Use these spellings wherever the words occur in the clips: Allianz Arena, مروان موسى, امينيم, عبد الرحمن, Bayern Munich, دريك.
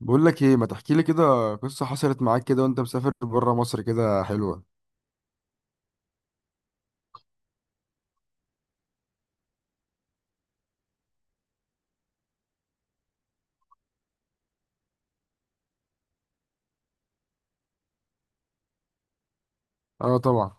بقول لك ايه، ما تحكي لي كده قصة حصلت معاك كده وانت مسافر بره مصر، كده حلوة. اه طبعا.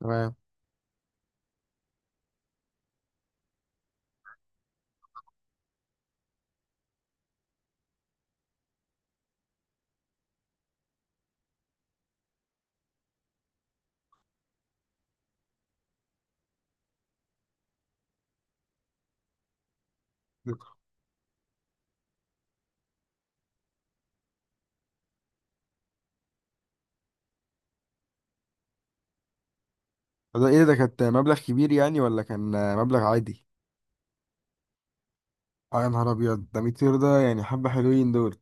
تمام. ده ايه ده؟ كانت مبلغ كبير يعني، ولا كان مبلغ عادي؟ اه يا نهار ابيض، ده 200، ده يعني حبه حلوين دول.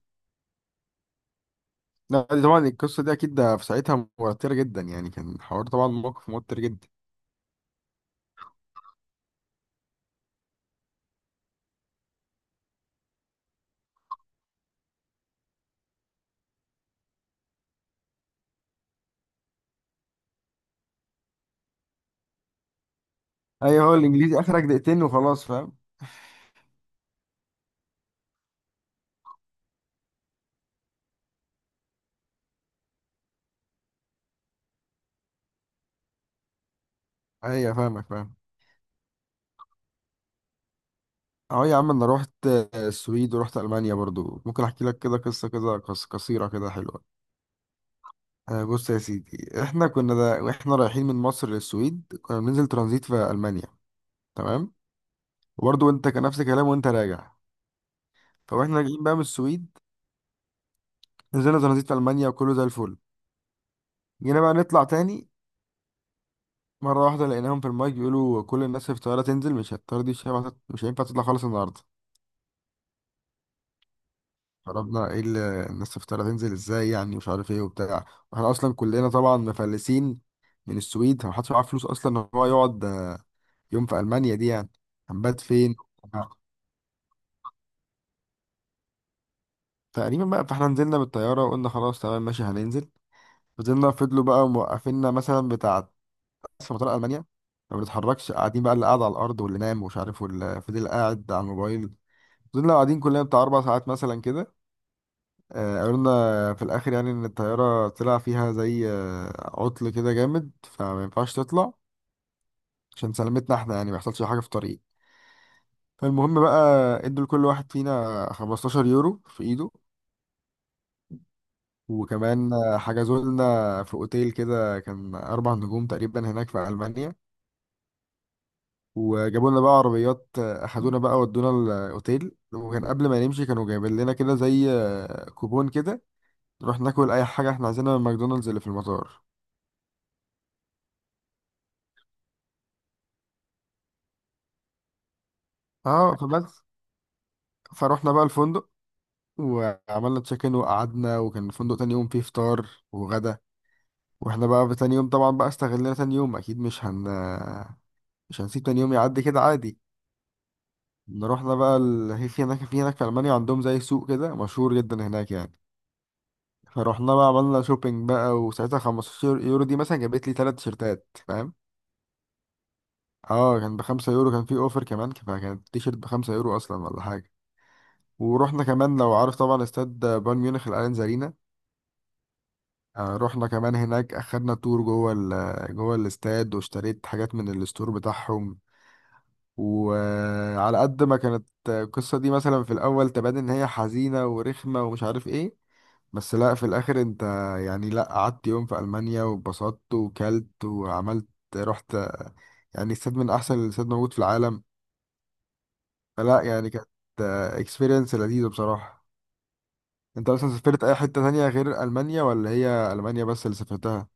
لا، دي طبعا القصة دي اكيد ده في ساعتها موترة جدا يعني، كان حوار، طبعا موقف موتر جدا. ايوه، هو الانجليزي اخرك دقيقتين وخلاص، فاهم. ايوه فاهمك، فاهم. اه يا عم، انا رحت السويد ورحت المانيا برضو، ممكن احكي لك كده قصة كده قصيرة كده حلوة. بص يا سيدي، احنا كنا دا واحنا رايحين من مصر للسويد كنا بننزل ترانزيت في المانيا. تمام. وبرضه انت كان نفس الكلام وانت راجع. فاحنا راجعين بقى من السويد، نزلنا ترانزيت في المانيا وكله زي الفل. جينا بقى نطلع تاني، مره واحده لقيناهم في المايك بيقولوا كل الناس في الطياره تنزل، مش هتطير، دي مش هينفع مش هينفع تطلع خالص النهارده. فربنا ايه اللي الناس في الطياره تنزل ازاي يعني، مش عارف ايه وبتاع. واحنا اصلا كلنا طبعا مفلسين، من السويد محدش معاه فلوس اصلا ان هو يقعد يوم في المانيا دي يعني. هنبات فين؟ تقريبا بقى، فاحنا نزلنا بالطيارة وقلنا خلاص تمام ماشي هننزل. فضلوا بقى موقفيننا، مثلا بتاع في مطار ألمانيا، ما بنتحركش، قاعدين بقى، اللي قاعد على الأرض واللي نام ومش عارف، واللي فضل قاعد على الموبايل. فضلنا قاعدين كلنا بتاع 4 ساعات مثلا كده. قلنا في الآخر يعني إن الطيارة طلع فيها زي عطل كده جامد، فما ينفعش تطلع عشان سلامتنا احنا يعني، ما يحصلش حاجة في الطريق. فالمهم بقى، ادوا لكل واحد فينا 15 يورو في ايده. وكمان حجزوا لنا في اوتيل كده، كان اربع نجوم تقريبا هناك في المانيا. وجابوا لنا بقى عربيات، اخدونا بقى ودونا الاوتيل. وكان قبل ما نمشي كانوا جايبين لنا كده زي كوبون كده، نروح ناكل اي حاجه احنا عايزينها من ماكدونالدز اللي في المطار. اه فبس، فروحنا بقى الفندق وعملنا تشيك ان وقعدنا، وكان الفندق تاني يوم فيه فطار وغدا. واحنا بقى في تاني يوم طبعا بقى استغلنا تاني يوم، اكيد مش هنسيب تاني يوم يعدي كده عادي. رحنا بقى هي في هناك في ألمانيا عندهم زي سوق كده مشهور جدا هناك يعني. فروحنا بقى عملنا شوبينج بقى، وساعتها 15 يورو دي مثلا جابت لي تلات تيشيرتات، فاهم. اه كان ب5 يورو، كان في اوفر كمان، فكانت التيشيرت ب5 يورو اصلا ولا حاجة. ورحنا كمان، لو عارف طبعا استاد بايرن ميونخ الاليانز ارينا. رحنا كمان هناك، اخدنا تور جوه جوه الاستاد، واشتريت حاجات من الستور بتاعهم. وعلى قد ما كانت القصة دي مثلا في الأول تبان إن هي حزينة ورخمة ومش عارف إيه، بس لا، في الاخر انت يعني، لا قعدت يوم في المانيا واتبسطت وكلت وعملت، رحت يعني استاد من احسن الاستاد موجود في العالم. فلا يعني كانت اكسبيرينس لذيذه بصراحه. انت اصلا سافرت اي حته تانية غير المانيا، ولا هي المانيا بس اللي سافرتها؟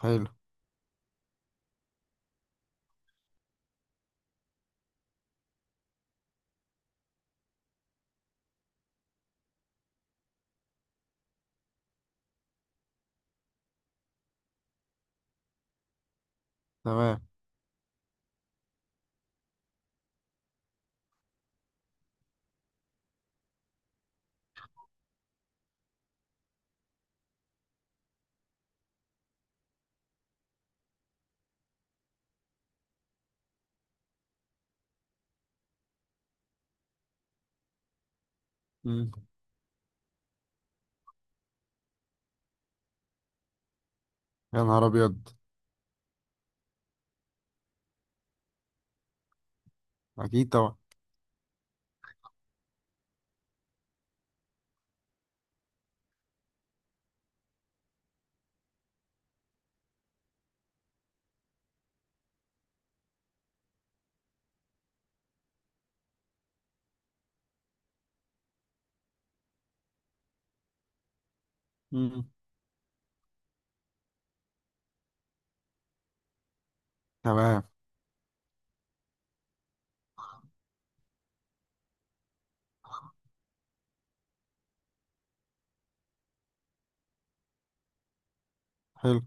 حلو. تمام. مم. يا نهار ابيض. اكيد طبعا. مم. تمام. حلو.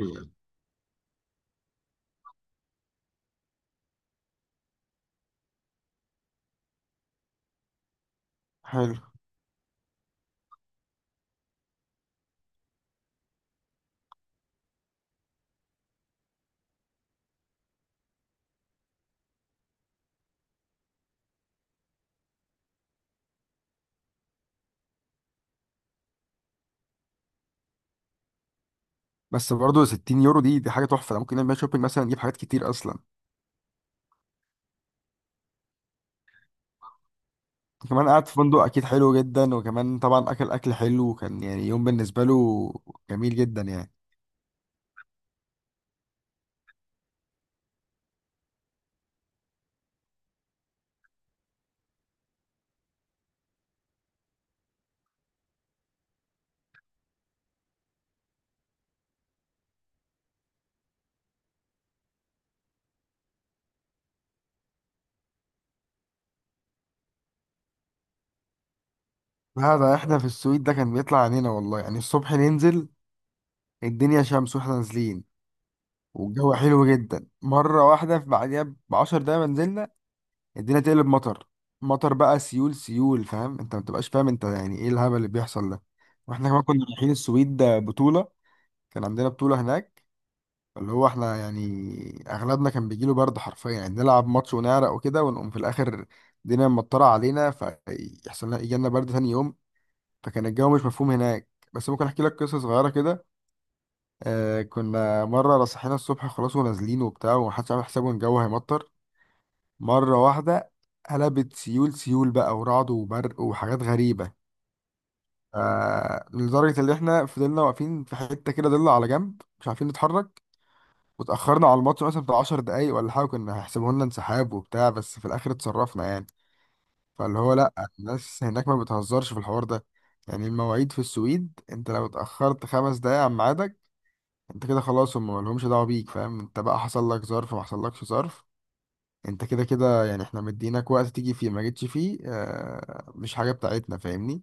إيه. حلو. بس برضه 60 يورو دي حاجه تحفه، أنا ممكن نعمل شوبينج مثلا نجيب حاجات كتير اصلا. كمان قعد في فندق اكيد حلو جدا، وكمان طبعا اكل اكل حلو، وكان يعني يوم بالنسبه له جميل جدا يعني. لا، ده احنا في السويد ده كان بيطلع علينا والله، يعني الصبح ننزل الدنيا شمس واحنا نازلين، والجو حلو جدا، مره واحده في بعديها ب10 دقايق ما نزلنا الدنيا تقلب مطر. مطر بقى، سيول سيول، فاهم انت؟ ما بتبقاش فاهم انت يعني ايه الهبل اللي بيحصل ده. واحنا كمان كنا رايحين السويد بطوله، كان عندنا بطوله هناك، اللي هو احنا يعني اغلبنا كان بيجيله برد حرفيا يعني، نلعب ماتش ونعرق وكده، ونقوم في الاخر الدنيا مطرة علينا، فيحصل لنا يجي لنا برد تاني يوم. فكان الجو مش مفهوم هناك، بس ممكن احكي لك قصة صغيرة كده. كنا مرة صحينا الصبح خلاص ونازلين وبتاع، ومحدش عامل حسابه ان الجو هيمطر، مرة واحدة قلبت سيول سيول بقى، ورعد وبرق وحاجات غريبة. لدرجة اللي احنا فضلنا واقفين في حتة كده ضلة على جنب، مش عارفين نتحرك، واتأخرنا على الماتش مثلا بتاع 10 دقايق ولا حاجة، كنا هيحسبوا لنا انسحاب وبتاع، بس في الآخر اتصرفنا يعني. فاللي هو لأ، الناس هناك ما بتهزرش في الحوار ده، يعني المواعيد في السويد انت لو اتأخرت 5 دقايق عن ميعادك انت كده خلاص، هم مالهمش دعوة بيك، فاهم انت؟ بقى حصل لك ظرف ما حصلكش ظرف، انت كده كده يعني، احنا مديناك وقت تيجي فيه ما جيتش فيه، اه مش حاجة بتاعتنا، فاهمني.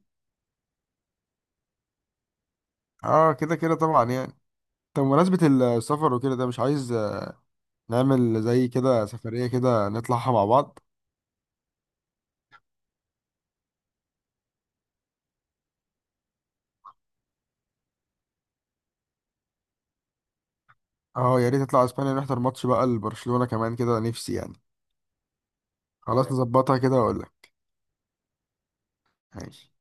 اه كده كده طبعا يعني. طب بمناسبة السفر وكده، ده مش عايز نعمل زي كده سفرية كده نطلعها مع بعض؟ اه يا ريت اطلع اسبانيا نحضر ماتش بقى لبرشلونة كمان كده، نفسي يعني. خلاص، نظبطها كده واقول لك. ماشي.